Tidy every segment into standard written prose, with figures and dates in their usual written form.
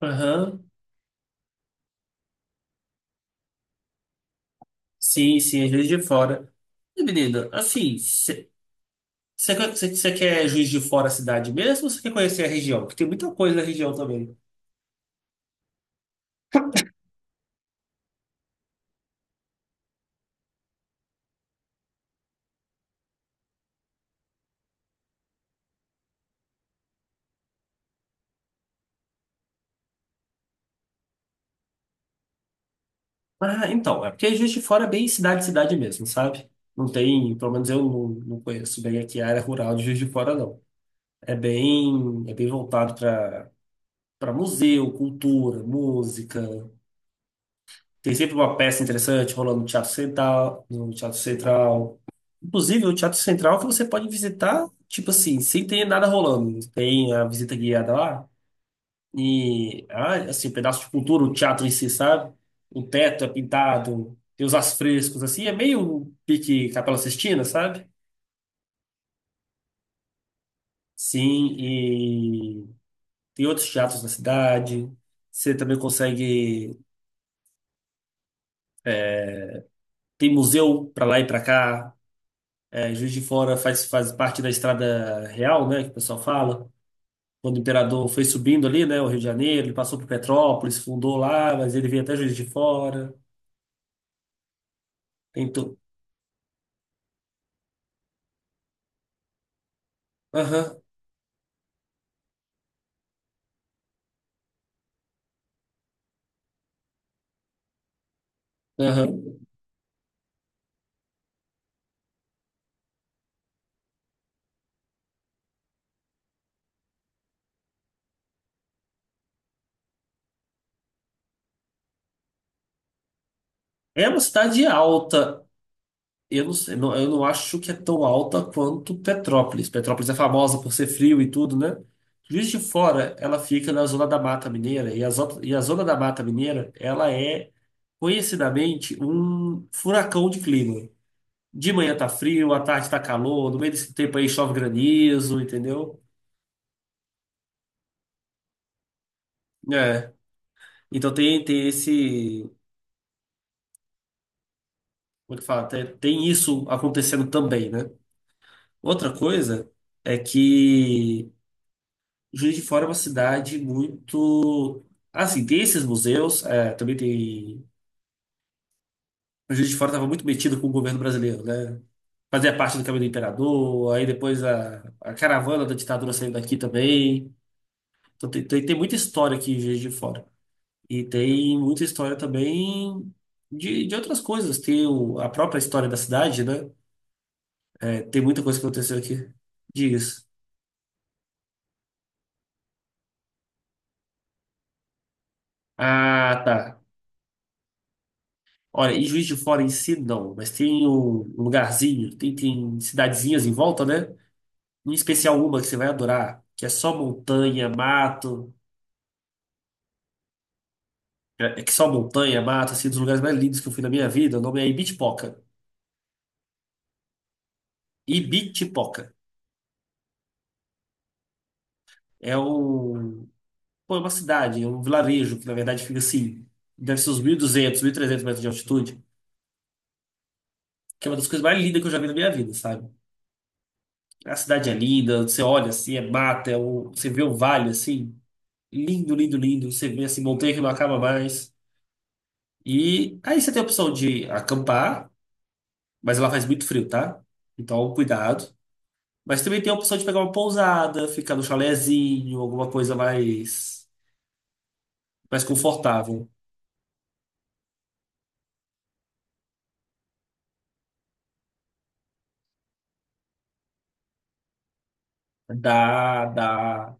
Aham. Sim, sim, é Juiz de Fora. Menina, assim, você quer Juiz de Fora a cidade mesmo, ou você quer conhecer a região? Porque tem muita coisa na região também. É porque Juiz de Fora é bem cidade, cidade mesmo, sabe? Não tem, pelo menos eu não conheço bem aqui a área rural de Juiz de Fora, não. É bem, é bem voltado para museu, cultura, música. Tem sempre uma peça interessante rolando no Teatro Central, no Teatro Central. Inclusive, o Teatro Central, que você pode visitar, tipo assim, sem ter nada rolando. Tem a visita guiada lá e, assim, um pedaço de cultura, o teatro em si, sabe? O teto é pintado, tem os afrescos, assim, é meio um pique Capela Sistina, sabe? Sim, e tem outros teatros na cidade. Você também consegue. Tem museu pra lá e pra cá. É, Juiz de Fora faz parte da Estrada Real, né, que o pessoal fala. Quando o imperador foi subindo ali, né, o Rio de Janeiro, ele passou por Petrópolis, fundou lá, mas ele veio até Juiz de Fora. Tentou. Aham, aham. É uma cidade alta. Eu não sei, eu não acho que é tão alta quanto Petrópolis. Petrópolis é famosa por ser frio e tudo, né? Juiz de Fora, ela fica na zona da Mata Mineira, e a zona da Mata Mineira, ela é conhecidamente um furacão de clima. De manhã tá frio, à tarde tá calor, no meio desse tempo aí chove granizo, entendeu? É. Então tem esse. Como é que fala? Tem isso acontecendo também, né? Outra coisa é que Juiz de Fora é uma cidade muito. Assim, tem esses museus, é, também tem. O Juiz de Fora estava muito metido com o governo brasileiro, né? Fazia parte do Caminho do Imperador, aí depois a caravana da ditadura saiu daqui também. Então tem muita história aqui em Juiz de Fora. E tem muita história também de outras coisas. Tem a própria história da cidade, né? É, tem muita coisa que aconteceu aqui. Diz. Ah, tá. Olha, e Juiz de Fora em si, não. Mas tem um lugarzinho, tem cidadezinhas em volta, né? Em especial uma que você vai adorar, que é só montanha, mato. É que só montanha, mato, assim, um dos lugares mais lindos que eu fui na minha vida. O nome é Ibitipoca. Ibitipoca. É um Pô, é uma cidade, é um vilarejo, que na verdade fica assim, deve ser uns 1.200, trezentos metros de altitude, que é uma das coisas mais lindas que eu já vi na minha vida, sabe? A cidade é linda, você olha assim, é mata, você vê o vale assim, lindo, lindo, lindo, você vê assim, montanha que não acaba mais. E aí você tem a opção de acampar, mas ela faz muito frio, tá? Então, cuidado. Mas também tem a opção de pegar uma pousada, ficar no chalezinho, alguma coisa mais, mais confortável. Dá, dá.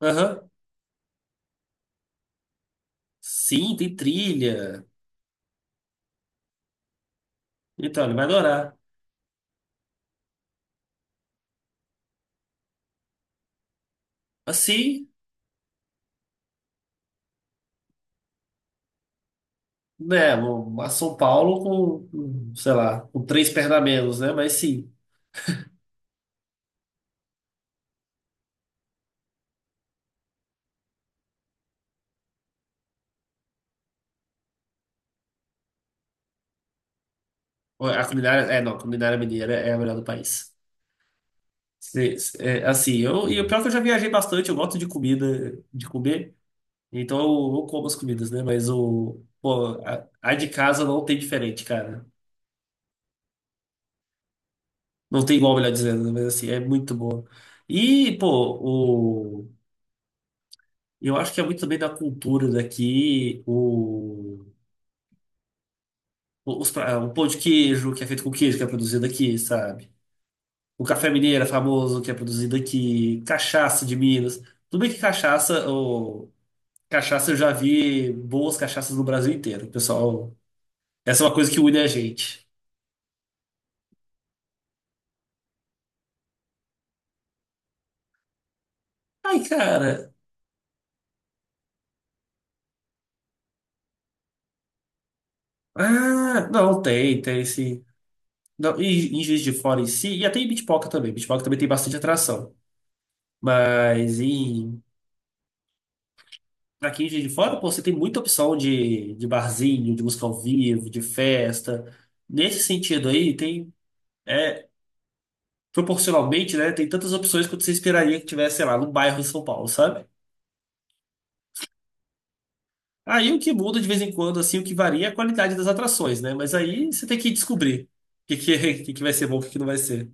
Aham. Sim, tem trilha. Então, ele vai adorar. Assim, né? A São Paulo com, sei lá, com três pernas a menos, né? Mas sim. A culinária. É, não, a culinária mineira é a melhor do país. É, assim, eu, e o pior é que eu já viajei bastante, eu gosto de comida, de comer. Então eu como as comidas, né? Mas o. Pô, a de casa não tem diferente, cara. Não tem igual, melhor dizendo, né? Mas assim, é muito boa. E, pô, eu acho que é muito também da cultura daqui, o pão de queijo, que é feito com queijo, que é produzido aqui, sabe? O café mineiro é famoso, que é produzido aqui, cachaça de Minas. Tudo bem que cachaça, eu já vi boas cachaças no Brasil inteiro, pessoal. Essa é uma coisa que une a gente. Ai, cara. Ah, não, tem, tem sim. Não, e em Juiz de Fora em si, e até em Bitpoca também. Bitpoca também tem bastante atração. Mas em Aqui em Juiz de Fora, pô, você tem muita opção de barzinho, de música ao vivo, de festa. Nesse sentido aí, tem, é, proporcionalmente, né, tem tantas opções quanto você esperaria que tivesse, sei lá, num bairro em São Paulo, sabe? Aí o que muda de vez em quando, assim, o que varia é a qualidade das atrações, né? Mas aí você tem que descobrir o que, que, o que que vai ser bom, o que não vai ser.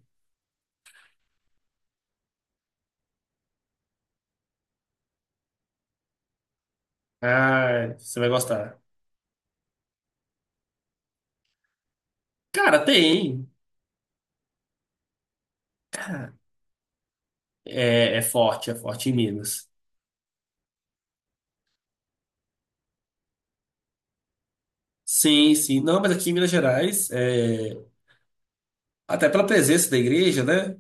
Ah, você vai gostar. Cara, tem. É forte em Minas. Sim, sim. Não, mas aqui em Minas Gerais, é, até pela presença da igreja, né?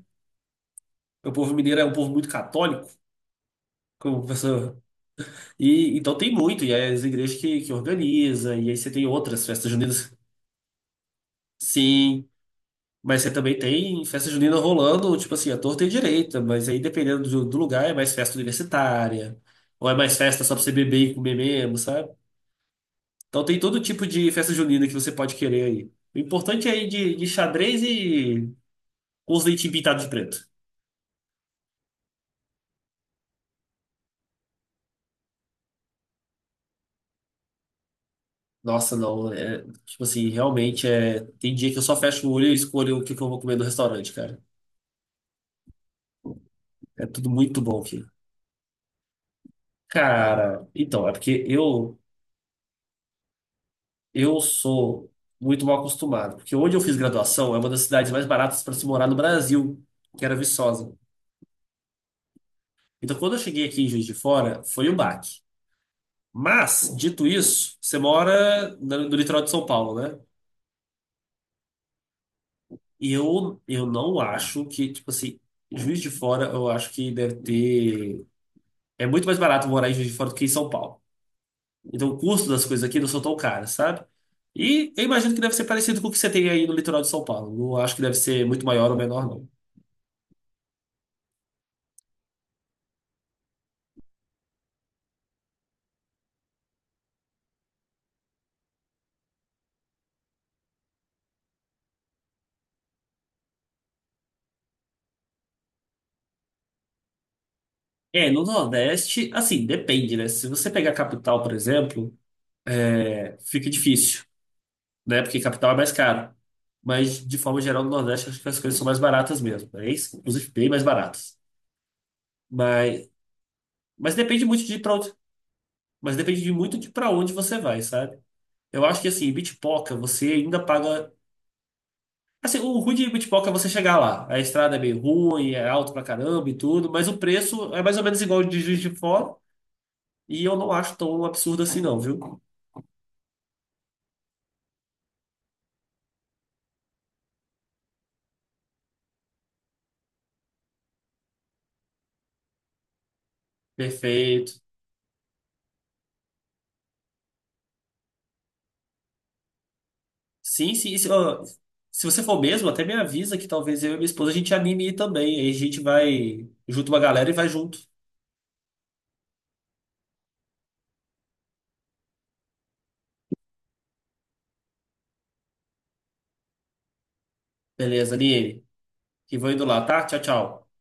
O povo mineiro é um povo muito católico, como o professor. E então tem muito, e aí as igrejas que organiza, e aí você tem outras festas juninas. Sim, mas você também tem festa junina rolando, tipo assim, a torta e a direita, mas aí dependendo do, do lugar é mais festa universitária, ou é mais festa só pra você beber e comer mesmo, sabe? Então tem todo tipo de festa junina que você pode querer aí. O importante é ir de xadrez e com os leitinhos pintados de preto. Nossa, não. É, tipo assim, realmente é. Tem dia que eu só fecho o olho e escolho o que que eu vou comer no restaurante, cara. É tudo muito bom aqui. Cara, então, é porque eu sou muito mal acostumado. Porque onde eu fiz graduação é uma das cidades mais baratas para se morar no Brasil, que era Viçosa. Então, quando eu cheguei aqui em Juiz de Fora, foi um baque. Mas, dito isso, você mora no litoral de São Paulo, né? E eu não acho que, tipo assim, Juiz de Fora, eu acho que deve ter. É muito mais barato morar em Juiz de Fora do que em São Paulo. Então o custo das coisas aqui não são tão caras, sabe? E eu imagino que deve ser parecido com o que você tem aí no litoral de São Paulo. Não acho que deve ser muito maior ou menor, não. É, no Nordeste, assim, depende, né? Se você pegar a capital, por exemplo, é, fica difícil, né? Porque capital é mais caro. Mas, de forma geral, no Nordeste, acho que as coisas são mais baratas mesmo, né? Isso, inclusive, bem mais baratas. Mas, mas depende muito de para onde, mas depende de muito de para onde você vai, sabe? Eu acho que, assim, em Bitpoca, você ainda paga. Assim, o ruim de Bitpoca é você chegar lá. A estrada é meio ruim, é alto pra caramba e tudo, mas o preço é mais ou menos igual ao de Juiz de Fora. E eu não acho tão absurdo assim, não, viu? Perfeito. Sim, sim. Se, ó, se você for mesmo, até me avisa que talvez eu e minha esposa a gente anime ir também. Aí a gente vai, junto uma galera e vai junto. Beleza, Aline? Que vou indo lá, tá? Tchau, tchau.